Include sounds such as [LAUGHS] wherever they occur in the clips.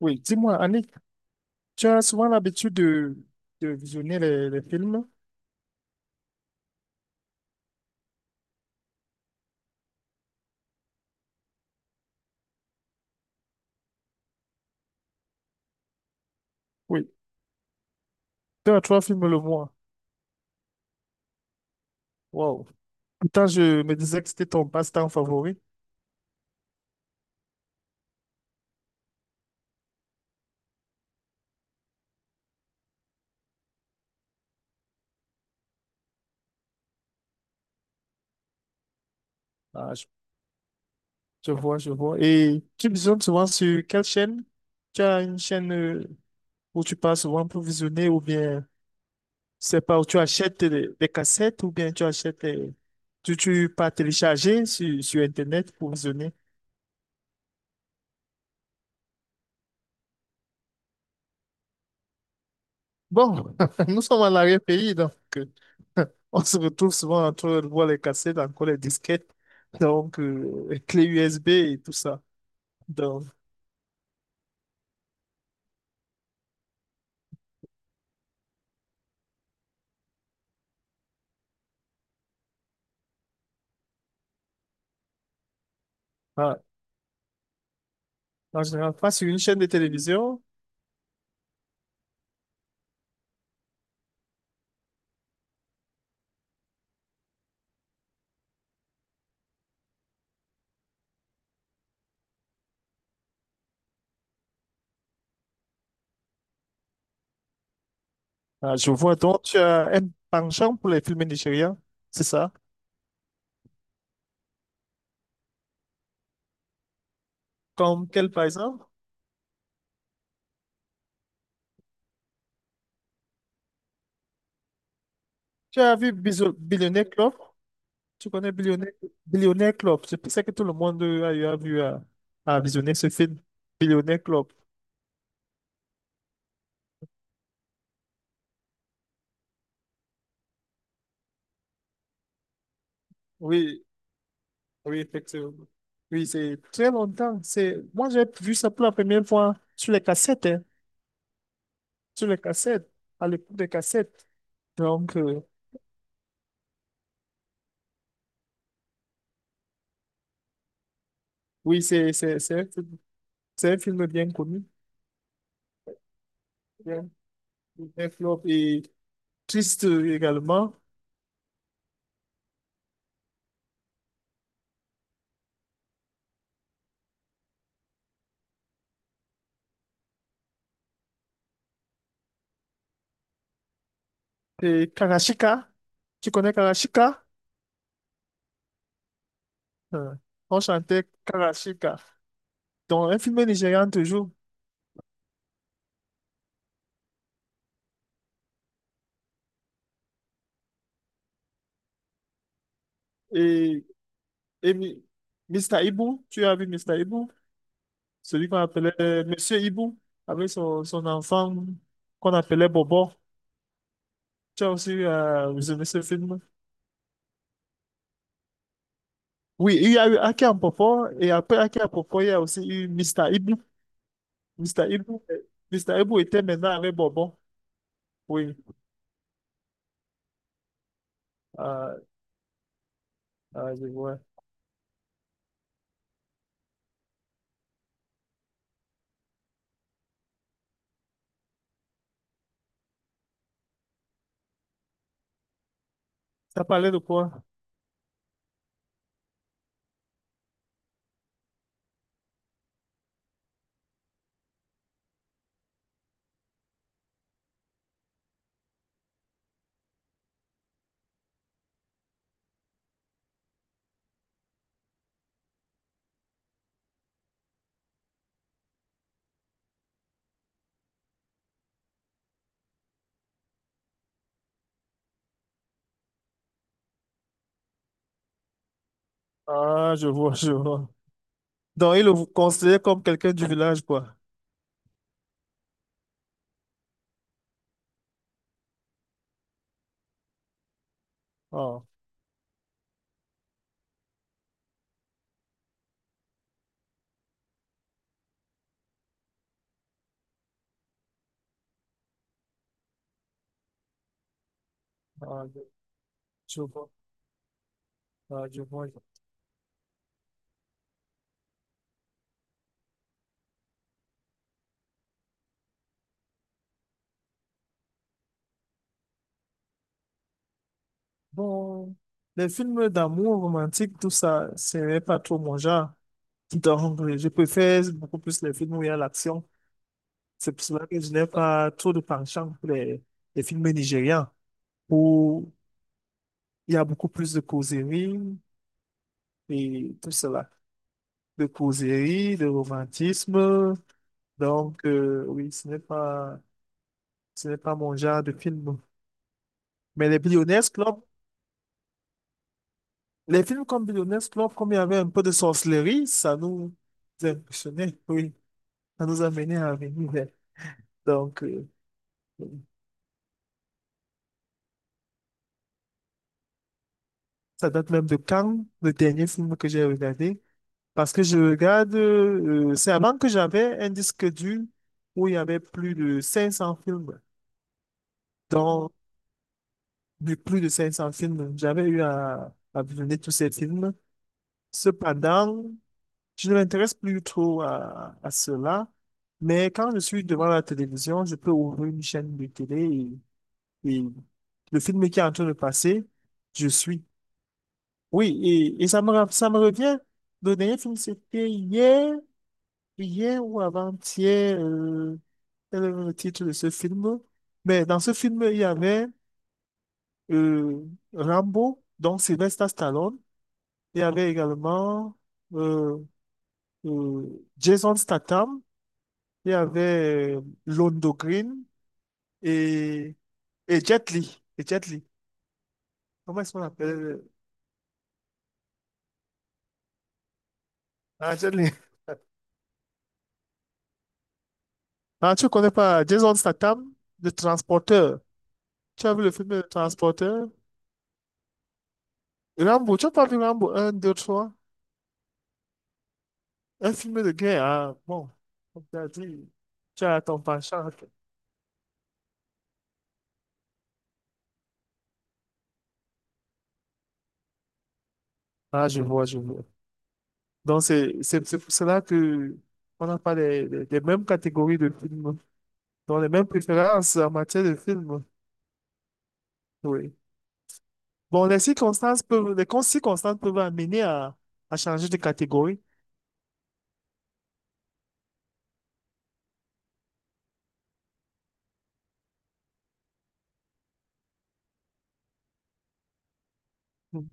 Oui, dis-moi, Annick, tu as souvent l'habitude de visionner les films? Oui, deux à trois films le mois. Wow. Pourtant, je me disais que c'était ton passe-temps favori. Ah, je, je vois, je vois. Et tu visionnes souvent sur quelle chaîne? Tu as une chaîne où tu passes souvent pour visionner ou bien, je sais pas, où tu achètes des cassettes ou bien tu achètes, tu pas télécharger sur Internet pour visionner? Bon, [LAUGHS] nous sommes à l'arrière-pays, donc euh, [LAUGHS] on se retrouve souvent entre le voit les cassettes, encore les disquettes, donc les clés USB et tout ça. Donc, ah, en général, pas sur une chaîne de télévision. Ah, je vois, donc tu as un penchant pour les films nigériens, c'est ça? Comme quel par exemple? Tu as vu Billionaire Club? Tu connais Billionaire Club? Je pensais que tout le monde a, eu a vu à visionner ce film, Billionaire Club. Oui. Oui, effectivement. Oui, c'est très longtemps. C'est... Moi, j'ai vu ça pour la première fois sur les cassettes, hein, sur les cassettes, à l'époque des cassettes. Donc, oui, c'est un film bien connu, bien, bien flop et triste également. C'est Karashika. Tu connais Karashika? Euh, On chantait Karashika dans un film nigérian toujours. Et, et Mi- Mr. Ibu, tu as vu mister Ibu? Celui qu'on appelait Monsieur Ibu, avec son enfant qu'on appelait Bobo. Tu as aussi visionné ce film? Oui, il y a eu Aki en Popo, et après Aki en Popo, il y a aussi eu Mr. Ibu. Mr. Ibu, Mr. Ibu était maintenant avec Bobo. Oui, ah, ah, je vois. Ça parlait de quoi? Ah, je vois, je vois. Donc, il le considérait comme quelqu'un du village, quoi. Ah, ah, je vois. Ah, je vois. Bon, les films d'amour romantique, tout ça, c'est pas trop mon genre. Donc, je préfère beaucoup plus les films où il y a l'action. C'est pour cela que je n'ai pas trop de penchant pour les films nigérians, où il y a beaucoup plus de causerie et tout cela. De causerie, de romantisme. Donc, oui, ce n'est pas mon genre de film. Mais les Billionaires Club, les films comme Billionaire Club, comme il y avait un peu de sorcellerie, ça nous impressionnait, oui. Ça nous amenait à venir vers. Donc, ça date même de quand, le dernier film que j'ai regardé. Parce que je regarde, c'est avant que j'avais un disque dur où il y avait plus de 500 films. Donc, du plus de 500 films, j'avais eu à visionner tous ces films. Cependant, je ne m'intéresse plus trop à cela, mais quand je suis devant la télévision, je peux ouvrir une chaîne de télé et le film qui est en train de passer, je suis. Oui, et ça me, ça me revient. Le dernier film, c'était hier, hier ou avant-hier, quel est le titre de ce film? Mais dans ce film, il y avait euh, Rambo, donc Sylvester Stallone. Il y avait également euh, euh, Jason Statham. Il y avait Londo Green et, et Jet Li. Et Jet Li. Comment est-ce qu'on appelle? Ah, Jet Li. [LAUGHS] Ah, tu connais pas Jason Statham, le transporteur. Tu as vu le film Le Transporteur? Rambo, tu n'as pas vu Rambo 1, 2, 3? Un film de guerre. Ah, bon, comme tu as dit, tu as ton penchant. Ah, je vois, je vois. Donc, c'est pour cela que on n'a pas les mêmes catégories de films, donc les mêmes préférences en matière de films. Oui. Bon, les circonstances peuvent, les con- circonstances peuvent amener à changer de catégorie.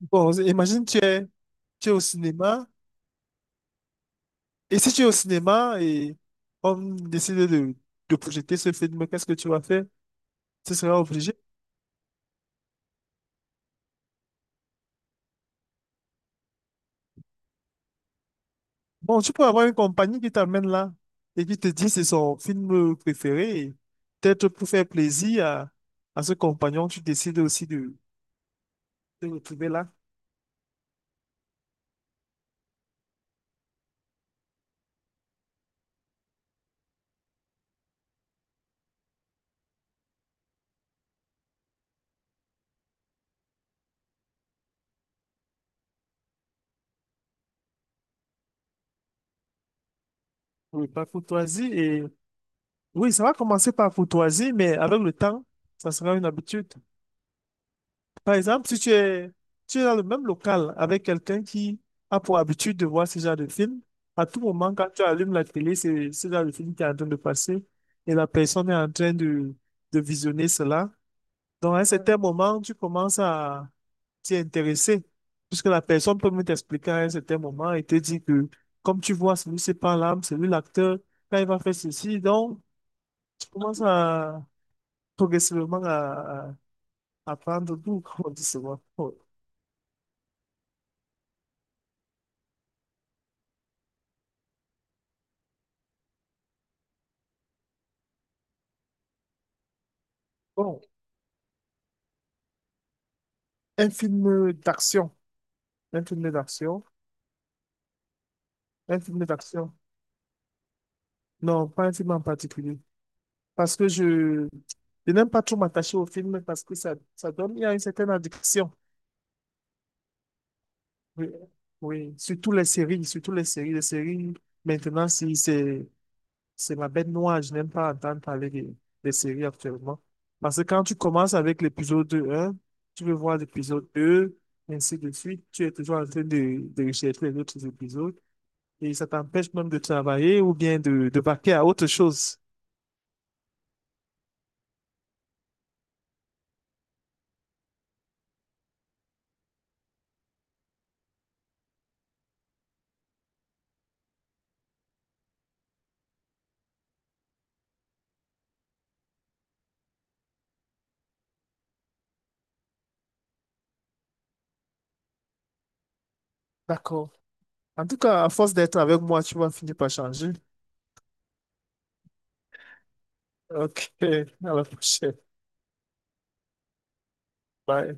Bon, tu es au cinéma, et si tu es au cinéma et on décide de projeter ce film, qu'est-ce que tu vas faire? Tu seras obligé. Bon, tu peux avoir une compagnie qui t'amène là et qui te dit c'est son film préféré. Et peut-être pour faire plaisir à ce compagnon, tu décides aussi de te retrouver là pour le parcours choisi. Et oui, ça va commencer par courtoisie, mais avec le temps, ça sera une habitude. Par exemple, si tu es, tu es dans le même local avec quelqu'un qui a pour habitude de voir ce genre de film, à tout moment, quand tu allumes la télé, c'est ce genre de film qui est en train de passer et la personne est en train de visionner cela. Donc, à un certain moment, tu commences à t'y intéresser, puisque la personne peut même t'expliquer à un certain moment et te dire que, comme tu vois, celui-ci par là, c'est lui l'acteur, quand il va faire ceci, donc, tu commences à progressivement à prendre goût, comme [LAUGHS] on dit souvent. Bon, un film d'action. Un film d'action. Un film d'action. Non, pas un film en particulier. Parce que je n'aime pas trop m'attacher au film parce que ça donne, il y a une certaine addiction. Oui, oui. Surtout les séries, surtout les séries. Les séries, maintenant, si c'est c'est ma bête noire. Je n'aime pas entendre parler des séries actuellement. Parce que quand tu commences avec l'épisode un, tu veux voir l'épisode deux, ainsi de suite. Tu es toujours en train de rechercher les autres épisodes. Et ça t'empêche même de travailler ou bien de vaquer à autre chose. D'accord. En tout cas, à force d'être avec moi, tu vas finir par changer. Ok, [LAUGHS] à la prochaine. Bye.